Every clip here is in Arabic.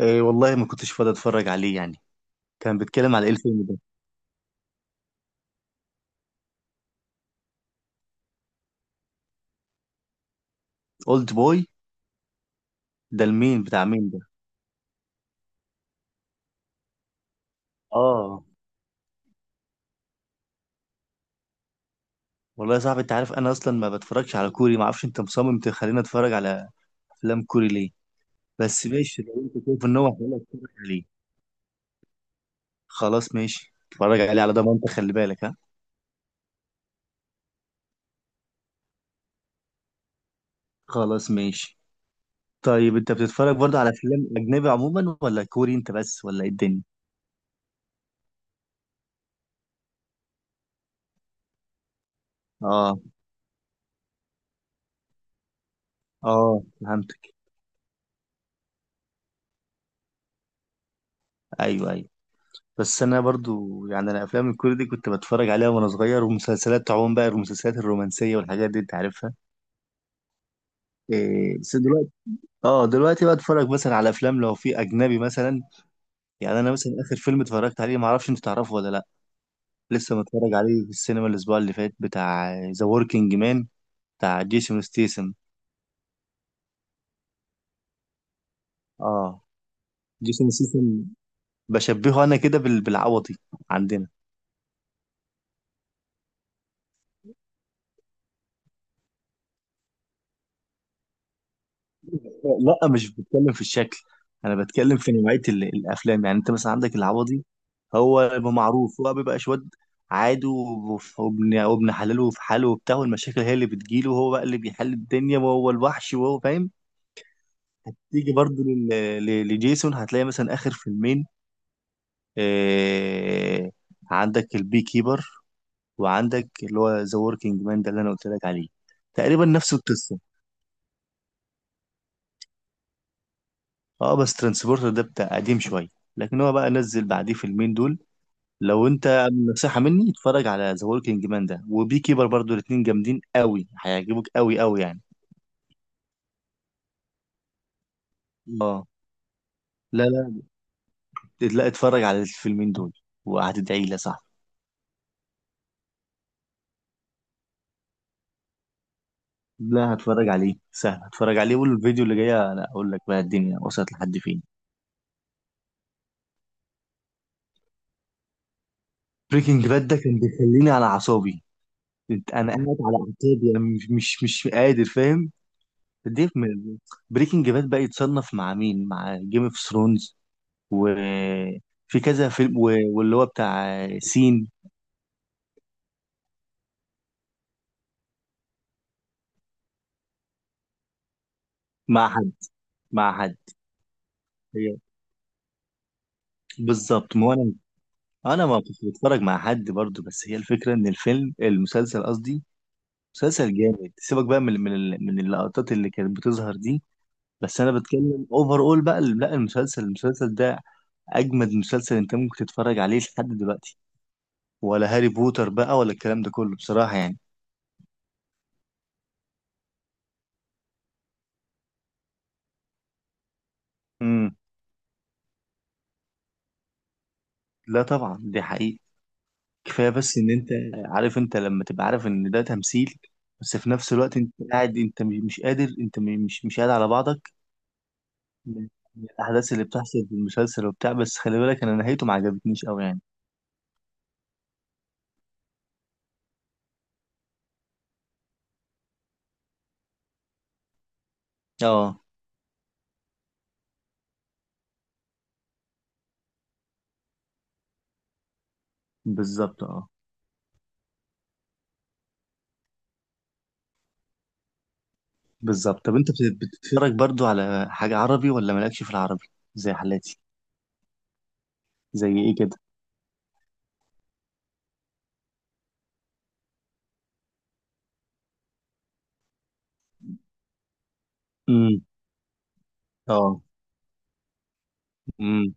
إيه والله ما كنتش فاضي اتفرج عليه يعني. كان بيتكلم على ايه الفيلم ده؟ اولد بوي. ده المين بتاع مين ده؟ اه. والله يا صاحبي انت عارف انا اصلا ما بتفرجش على كوري، ما اعرفش انت مصمم تخليني اتفرج على افلام كوري ليه. بس ماشي، لو انت شايف ان هو حلو اتفرج عليه. خلاص ماشي، اتفرج عليه على ضمانتك، خلي بالك ها. خلاص ماشي. طيب انت بتتفرج برضه على افلام اجنبي عموما ولا كوري انت بس ولا ايه الدنيا؟ اه اه، فهمتك. ايوه ايوه. بس انا برضو يعني انا افلام الكوري دي كنت بتفرج عليها وانا صغير، ومسلسلات عموما بقى المسلسلات الرومانسيه والحاجات دي انت عارفها. إيه بس دلوقتي، اه دلوقتي بقى اتفرج مثلا على افلام لو في اجنبي مثلا. يعني انا مثلا اخر فيلم اتفرجت عليه ما اعرفش انت تعرفه ولا لا، لسه متفرج عليه في السينما الاسبوع اللي فات، بتاع ذا وركينج مان، بتاع جيسون ستيسن. اه جيسون ستيسن. بشبهه انا كده بالعوضي عندنا. لا مش بتكلم في الشكل. انا بتكلم في نوعيه الافلام، يعني انت مثلا عندك العوضي. هو بيبقى معروف، هو بيبقى شواد عادي، وابن حلاله في حاله وبتاع، والمشاكل هي اللي بتجيله وهو بقى اللي بيحل الدنيا وهو الوحش وهو فاهم. تيجي برضه لجيسون هتلاقي مثلا اخر فيلمين، آه، عندك البي كيبر وعندك اللي هو ذا وركينج مان ده اللي انا قلت لك عليه، تقريبا نفس القصه. اه بس ترانسبورتر ده بتاع قديم شويه، لكن هو بقى نزل بعديه فيلمين دول. لو انت، نصيحة مني، اتفرج على ذا وركينج مان ده وبي كيبر برضو، الاتنين جامدين قوي، هيعجبوك قوي قوي يعني. اه. لا لا لا، اتفرج على الفيلمين دول وهتدعي لي يا صاحبي. لا هتفرج عليه سهل، هتفرج عليه. والفيديو اللي جاي انا اقول لك بقى الدنيا وصلت لحد فين. بريكنج باد ده كان بيخليني على اعصابي. انا قاعد على اعصابي، انا مش قادر فاهم. ديف. بريكنج باد بقى يتصنف مع مين؟ مع جيم اوف ثرونز وفي كذا فيلم واللي هو بتاع سين. مع حد. مع حد. هي. بالظبط، ما هو انا، انا ما كنت بتفرج مع حد برضو، بس هي الفكره ان الفيلم المسلسل قصدي، مسلسل جامد، سيبك بقى من من اللقطات اللي كانت بتظهر دي. بس انا بتكلم اوفر اول، بقى لا، المسلسل ده اجمد مسلسل انت ممكن تتفرج عليه لحد دلوقتي، ولا هاري بوتر بقى ولا الكلام ده كله بصراحه يعني. امم لا طبعا، دي حقيقة. كفايه بس ان انت عارف، انت لما تبقى عارف ان ده تمثيل بس في نفس الوقت انت قاعد، انت مش قادر، انت مش قاعد على بعضك من من الأحداث اللي بتحصل في المسلسل وبتاع، بس خلي بالك أنا نهايته ما عجبتنيش أوي يعني. اه بالظبط، اه بالظبط. طب أنت بتتفرج برضو على حاجة عربي ولا مالكش في العربي؟ زي حالاتي. زي إيه كده؟ امم اه امم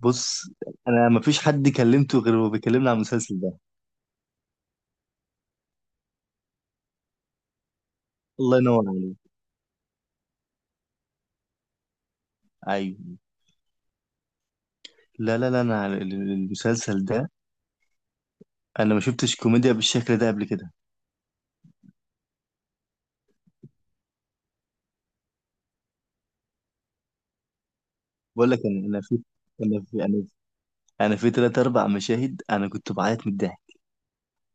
بص، أنا ما فيش حد كلمته غير هو بيكلمني عن المسلسل ده. الله ينور عليك. أيوه. لا لا لا، أنا على المسلسل ده، أنا ما شفتش كوميديا بالشكل ده قبل كده. بقول لك أنا، أنا في أنا في أنا في تلات أربع مشاهد أنا كنت بعيط من الضحك،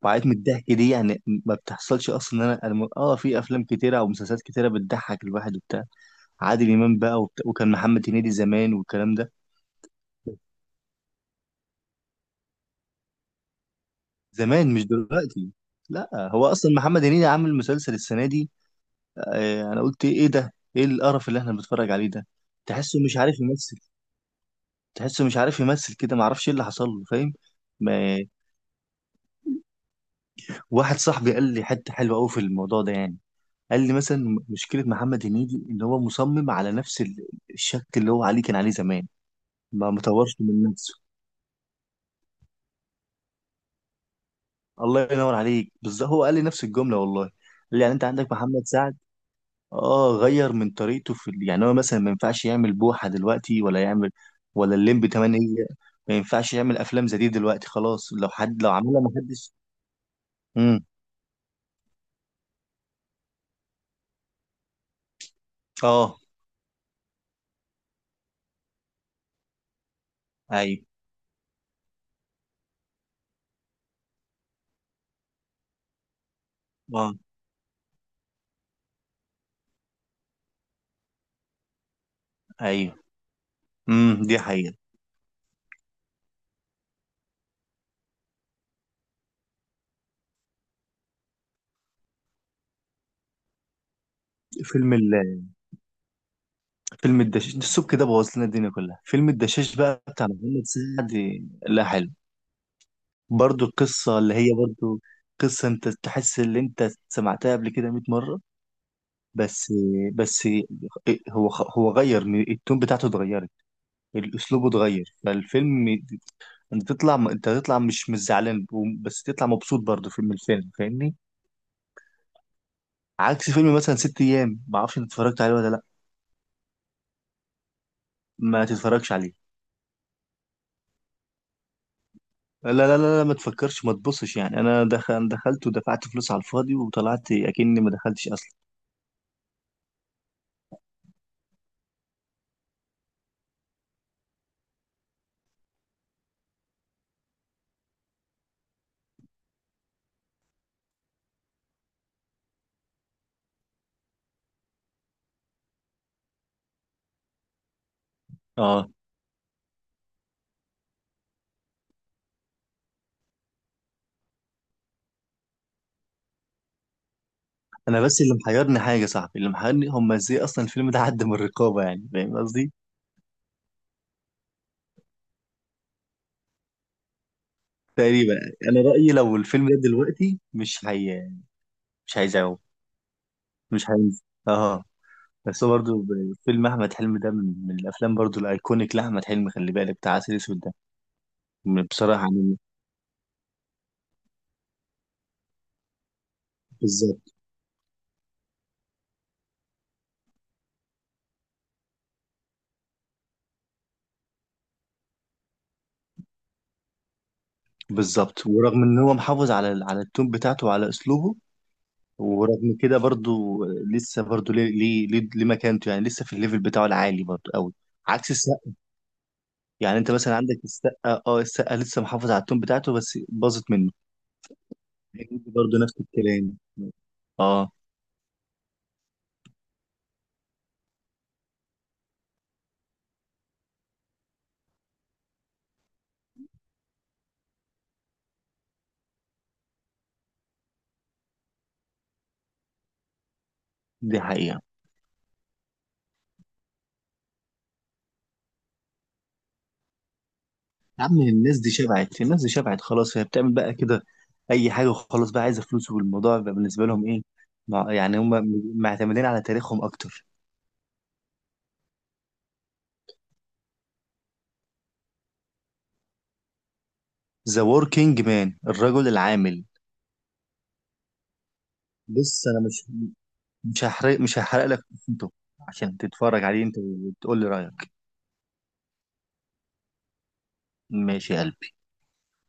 وقعت من الضحك، دي يعني ما بتحصلش اصلا. إن انا أنا، في افلام كتيره او مسلسلات كتيره بتضحك الواحد وبتاع. عادل امام بقى وبتاع، وكان محمد هنيدي زمان والكلام ده. زمان مش دلوقتي. لا هو اصلا محمد هنيدي عامل مسلسل السنه دي، آه، انا قلت ايه ده، ايه القرف اللي احنا بنتفرج عليه ده. تحسه مش عارف يمثل. تحسه مش عارف يمثل كده، ما اعرفش ايه اللي حصل له فاهم. ما- واحد صاحبي قال لي حته حلوه قوي في الموضوع ده يعني. قال لي مثلا مشكله محمد هنيدي ان هو مصمم على نفس الشكل اللي هو عليه كان عليه زمان، ما مطورش من نفسه. الله ينور عليك بالظبط، هو قال لي نفس الجمله والله، قال لي يعني انت عندك محمد سعد. اه غير من طريقته في يعني هو مثلا ما ينفعش يعمل بوحه دلوقتي ولا يعمل ولا الليمبي 8. ما ينفعش يعمل افلام زي دي دلوقتي خلاص، لو حد لو عملها ما حدش. امم. اه ايوه، اه ايوه. دي حقيقه. فيلم، فيلم الدشاش، السوق كده بوظ لنا الدنيا كلها، فيلم الدشاش بقى بتاع محمد سعد. لا حلو، برضو القصة اللي هي برضو قصة انت تحس اللي انت سمعتها قبل كده 100 مرة. بس بس هو غير التون بتاعته اتغيرت، الاسلوب اتغير فالفيلم. انت تطلع مش زعلان، بس تطلع مبسوط برضو في من الفيلم فاهمني. عكس فيلم مثلا ست ايام، ما اعرفش انت اتفرجت عليه ولا لا. ما تتفرجش عليه. لا لا لا لا، ما تفكرش ما تبصش يعني، انا دخلت ودفعت فلوس على الفاضي وطلعت اكني ما دخلتش اصلا. اه. انا بس اللي محيرني حاجه يا صابحي، اللي محيرني هم ازاي اصلا الفيلم ده عدى من الرقابه، يعني فاهم قصدي. تقريبا. انا رايي لو الفيلم ده دلوقتي مش هي، مش هيذاعوه، مش هينزل. اه. بس هو برضه فيلم احمد حلمي ده من الافلام برضه الايكونيك لاحمد حلمي، خلي بالك بتاع عسل اسود ده. بصراحه يعني، بالظبط، بالظبط. ورغم ان هو محافظ على على التون بتاعته وعلى اسلوبه، ورغم كده برضو لسه برضو ليه مكانته، يعني لسه في الليفل بتاعه العالي برضو قوي. عكس السقا. يعني انت مثلا عندك السقا، اه السقا لسه محافظ على التون بتاعته بس باظت منه. هنيدي برضو نفس الكلام. اه، دي حقيقة. يا عم الناس دي شبعت، الناس دي شبعت خلاص، هي بتعمل بقى كده اي حاجة وخلاص، بقى عايزة فلوس والموضوع بقى بالنسبة لهم ايه. يعني هم معتمدين على تاريخهم اكتر. ذا وركينج مان، الرجل العامل. بص انا مش، مش هحرق لك قصته عشان تتفرج عليه انت وتقول لي رأيك. ماشي يا قلبي.